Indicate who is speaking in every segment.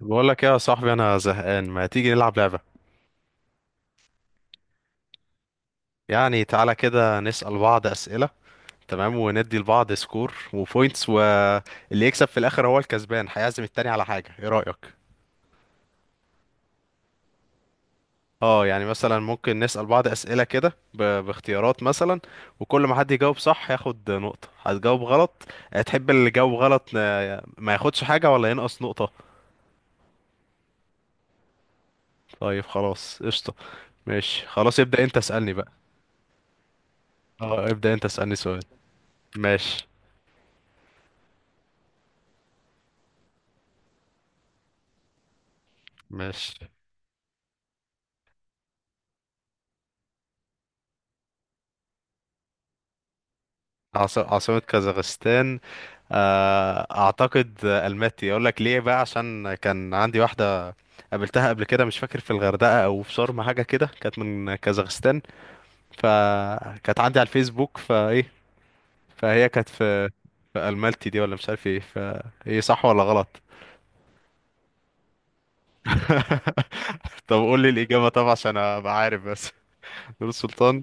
Speaker 1: بقول لك يا صاحبي انا زهقان، ما تيجي نلعب لعبة؟ يعني تعالى كده نسأل بعض أسئلة. تمام، وندي لبعض سكور وبوينتس، واللي يكسب في الاخر هو الكسبان هيعزم التاني على حاجة. ايه رأيك؟ اه، يعني مثلا ممكن نسأل بعض أسئلة كده باختيارات مثلا، وكل ما حد يجاوب صح ياخد نقطة. هتجاوب غلط؟ تحب اللي جاوب غلط ما ياخدش حاجة، ولا ينقص نقطة؟ طيب خلاص قشطة. ماشي خلاص، ابدأ انت اسألني بقى. اه ابدأ، انت اسألني سؤال. ماشي. ماشي. عاصمة كازاخستان؟ أعتقد ألماتي. أقول لك ليه بقى، عشان كان عندي واحدة قابلتها قبل كده، مش فاكر في الغردقة أو في شرم، حاجة كده، كانت من كازاخستان. فكانت عندي على الفيسبوك، فإيه، فهي كانت في في ألمالتي دي، ولا مش عارف إيه. فإيه، صح ولا غلط؟ طب قول لي الإجابة طبعا عشان أبقى عارف بس. نور السلطان.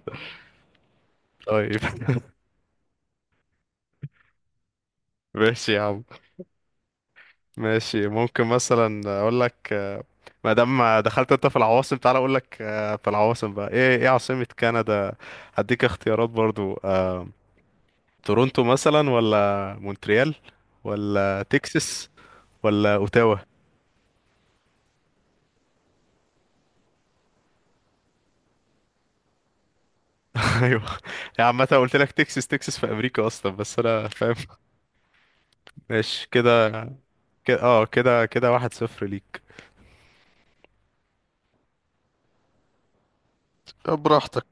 Speaker 1: طيب. ماشي يا عم. ماشي ممكن مثلا اقول لك ما دام دخلت انت في العواصم، تعالى اقول لك في العواصم بقى. ايه ايه عاصمة كندا؟ هديك اختيارات برضو. تورونتو مثلا، ولا مونتريال، ولا تكساس، ولا اوتاوا؟ ايوه، يعني عامة قلت لك تكساس، تكساس في امريكا اصلا، بس انا فاهم. ماشي كده. كده اه كده كده، واحد صفر ليك. طب براحتك.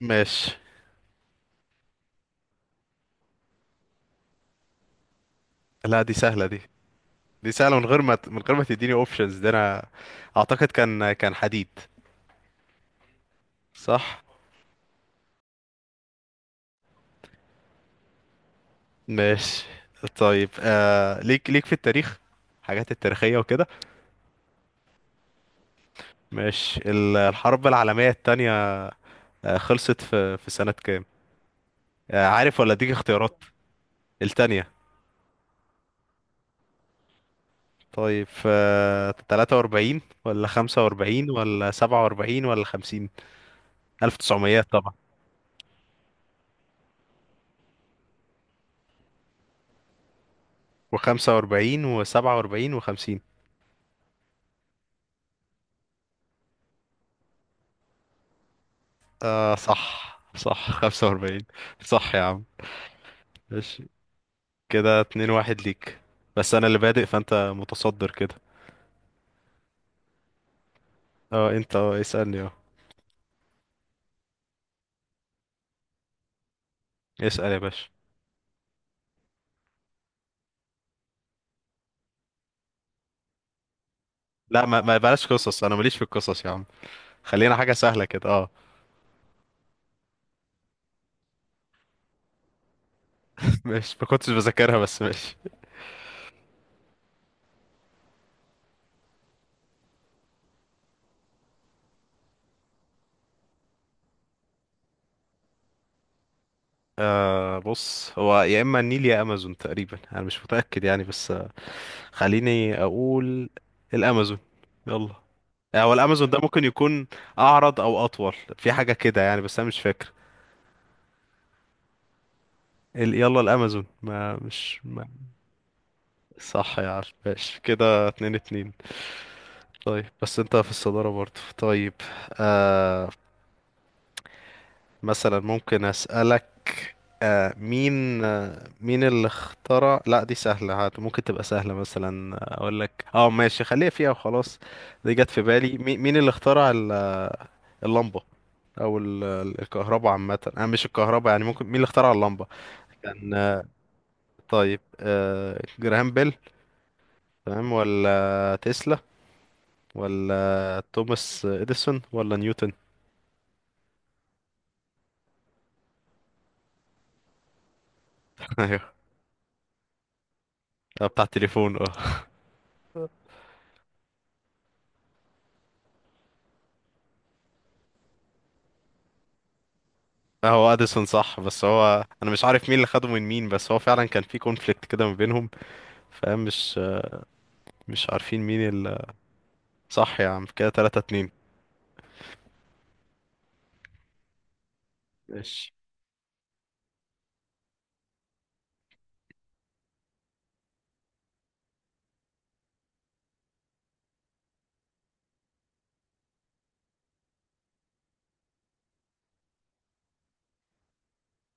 Speaker 1: ماشي، لا دي سهلة دي. دي سهلة من غير ما من غير ما تديني اوبشنز، ده انا اعتقد كان حديد. صح. ماشي. طيب آه ليك في التاريخ، حاجات التاريخية وكده. ماشي، الحرب العالمية التانية، خلصت في سنة كام؟ آه عارف ولا اديك اختيارات؟ التانية. طيب آه 43 ولا 45 ولا 47 ولا 50؟ 1900 طبعا. و45 و47 و50. آه صح صح. 45. صح يا عم، ماشي كده 2 1 ليك. بس انا اللي بادئ فانت متصدر كده. اه انت اه اسألني اه. اسأل يا باشا. لا ما بلاش قصص، انا ماليش في القصص يا عم. خلينا حاجة سهلة كده اه. مش ما كنتش بذاكرها بس ماشي. آه بص، هو يا اما النيل يا امازون تقريبا، انا مش متأكد يعني بس آه، خليني اقول الامازون. يلا، هو الامازون ده ممكن يكون اعرض او اطول في حاجة كده يعني، بس انا مش فاكر. يلا الامازون، ما. صح يا عم، ماشي كده اتنين اتنين. طيب بس انت في الصدارة برضه. طيب آه، مثلا ممكن أسألك مين مين اللي اخترع، لا دي سهلة، هات ممكن تبقى سهلة مثلا. أقول لك اه، ماشي خليها فيها وخلاص. دي جت في بالي، مين اللي اخترع اللمبة؟ أو الكهرباء عامة، أنا مش الكهرباء يعني، ممكن مين اللي اخترع اللمبة؟ كان طيب جراهام بيل، تمام، ولا تسلا، ولا توماس إديسون، ولا نيوتن؟ أيوه. بتاع التليفون اه. هو اديسون صح، بس هو انا مش عارف مين اللي خده من مين، بس هو فعلا كان في كونفليكت كده ما بينهم. فمش مش عارفين مين اللي. صح يا عم، كده 3 2. ماشي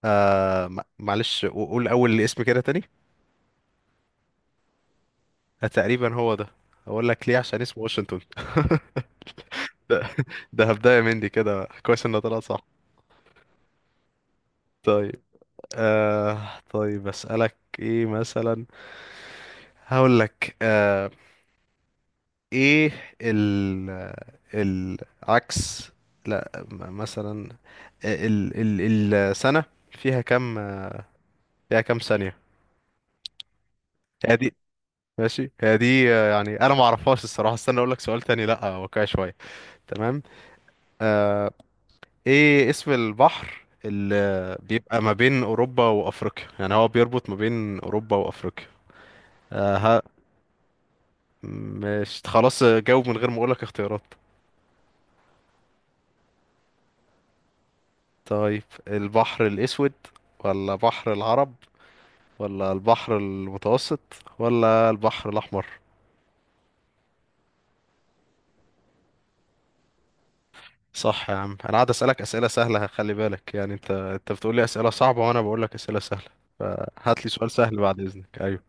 Speaker 1: آه معلش قول اول اسم كده تاني. تقريبا هو ده. اقول لك ليه، عشان اسمه واشنطن. ده ده هبداية مندي كده كويس انه طلع صح. طيب آه، طيب اسالك ايه مثلا؟ هقول لك ايه ال العكس، لا مثلا ال ال السنة فيها كام، فيها كام ثانية؟ هي دي. ماشي هي دي يعني انا ما اعرفهاش الصراحة، استنى اقول لك سؤال تاني، لا واقعي شوية. تمام. آه، ايه اسم البحر اللي بيبقى ما بين اوروبا وافريقيا، يعني هو بيربط ما بين اوروبا وافريقيا؟ آه ها. مش خلاص جاوب من غير ما اقول لك اختيارات. طيب، البحر الاسود، ولا بحر العرب، ولا البحر المتوسط، ولا البحر الأحمر؟ صح يا عم. انا قاعد اسالك اسئله سهله، خلي بالك يعني، انت انت بتقول لي اسئله صعبه وانا بقول لك اسئله سهله، فهات لي سؤال سهل بعد اذنك. ايوه.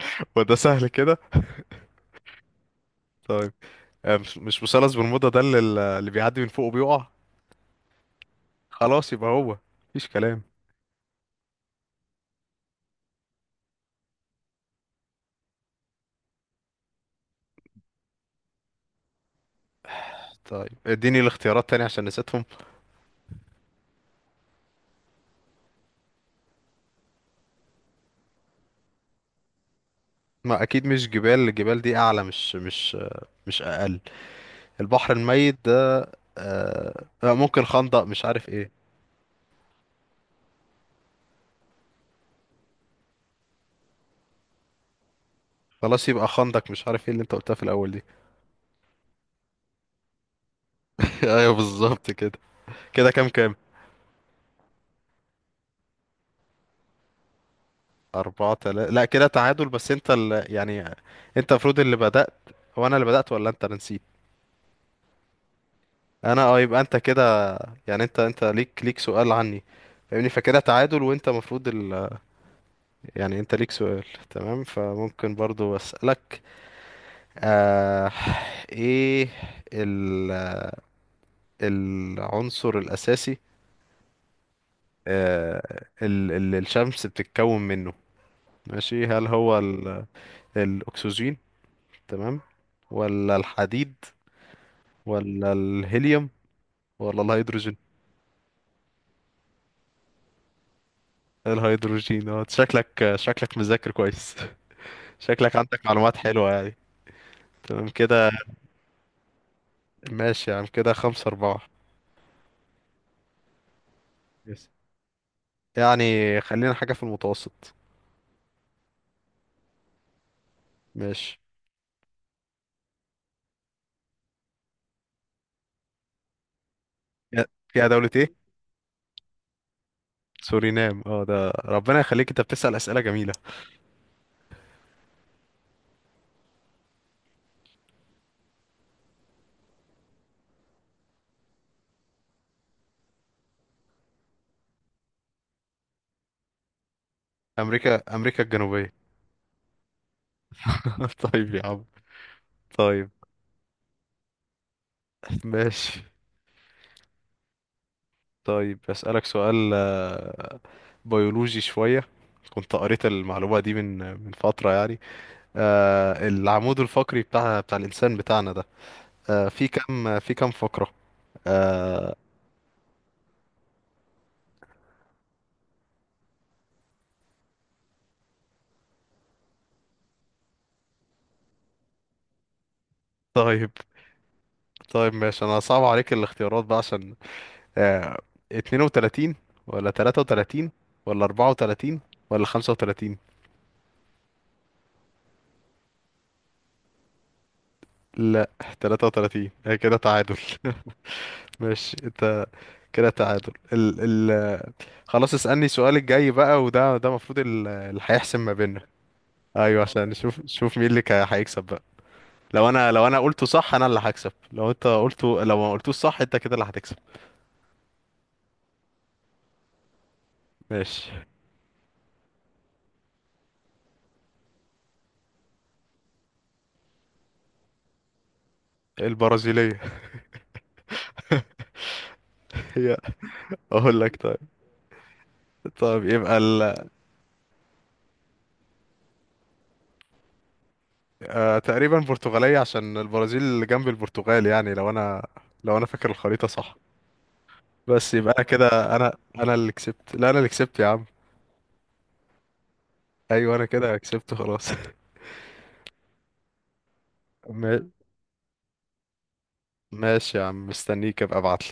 Speaker 1: وده سهل كده؟ طيب، مش مش مثلث برمودا ده اللي اللي بيعدي من فوقه بيقع؟ خلاص يبقى هو، مفيش كلام. طيب اديني الاختيارات تاني عشان نسيتهم. ما اكيد مش جبال، الجبال دي اعلى مش مش مش اقل. البحر الميت ده ممكن خندق مش عارف ايه. خلاص يبقى خندق مش عارف ايه اللي انت قلتها في الاول دي. ايوه بالظبط كده. كده كام كام؟ أربعة تلاتة لا كده تعادل، بس انت اللي يعني، انت المفروض اللي بدأت. هو انا اللي بدأت ولا انت؟ انا نسيت. انا اه، يبقى انت كده يعني، انت انت ليك سؤال عني فاهمني، فكده تعادل، وانت المفروض يعني انت ليك سؤال. تمام. فممكن برضو أسألك آه... ايه ال... العنصر الأساسي الشمس بتتكون منه؟ ماشي هل هو الاكسجين، تمام، ولا الحديد، ولا الهيليوم، ولا الهيدروجين؟ الهيدروجين اه. شكلك مذاكر كويس. شكلك عندك معلومات حلوة يعني. تمام كده. ماشي يا عم، كده خمسة أربعة. يس، يعني خلينا حاجة في المتوسط. ماشي. يا يا دولة ايه؟ سورينام اه ده، ربنا يخليك، انت بتسأل أسئلة جميلة. أمريكا الجنوبية. طيب يا عم. طيب. ماشي، طيب أسألك سؤال بيولوجي شوية، كنت قريت المعلومة دي من فترة يعني. العمود الفقري بتاع الإنسان بتاعنا ده في كام في كام فقرة؟ طيب. طيب ماشي، أنا صعب عليك الاختيارات بقى عشان آه، 32 ولا 33 ولا 34 ولا 35؟ لا 33. هي كده تعادل. ماشي انت، كده تعادل خلاص اسألني السؤال الجاي بقى، وده ده المفروض اللي هيحسم ما بيننا. ايوه عشان نشوف، نشوف مين اللي هيكسب بقى. لو انا لو انا قلته صح انا اللي هكسب، لو انت قلته، لو ما قلتوش صح انت كده اللي هتكسب. ماشي. البرازيلية. هي، اقول لك طيب. طيب يبقى آه تقريبا برتغالية، عشان البرازيل اللي جنب البرتغال يعني، لو انا لو انا فاكر الخريطة صح. بس يبقى انا كده، انا انا اللي كسبت، لا انا اللي كسبت يا عم. ايوه انا كده كسبت خلاص. ما- ماشي يا عم، مستنيك ابقى ابعت.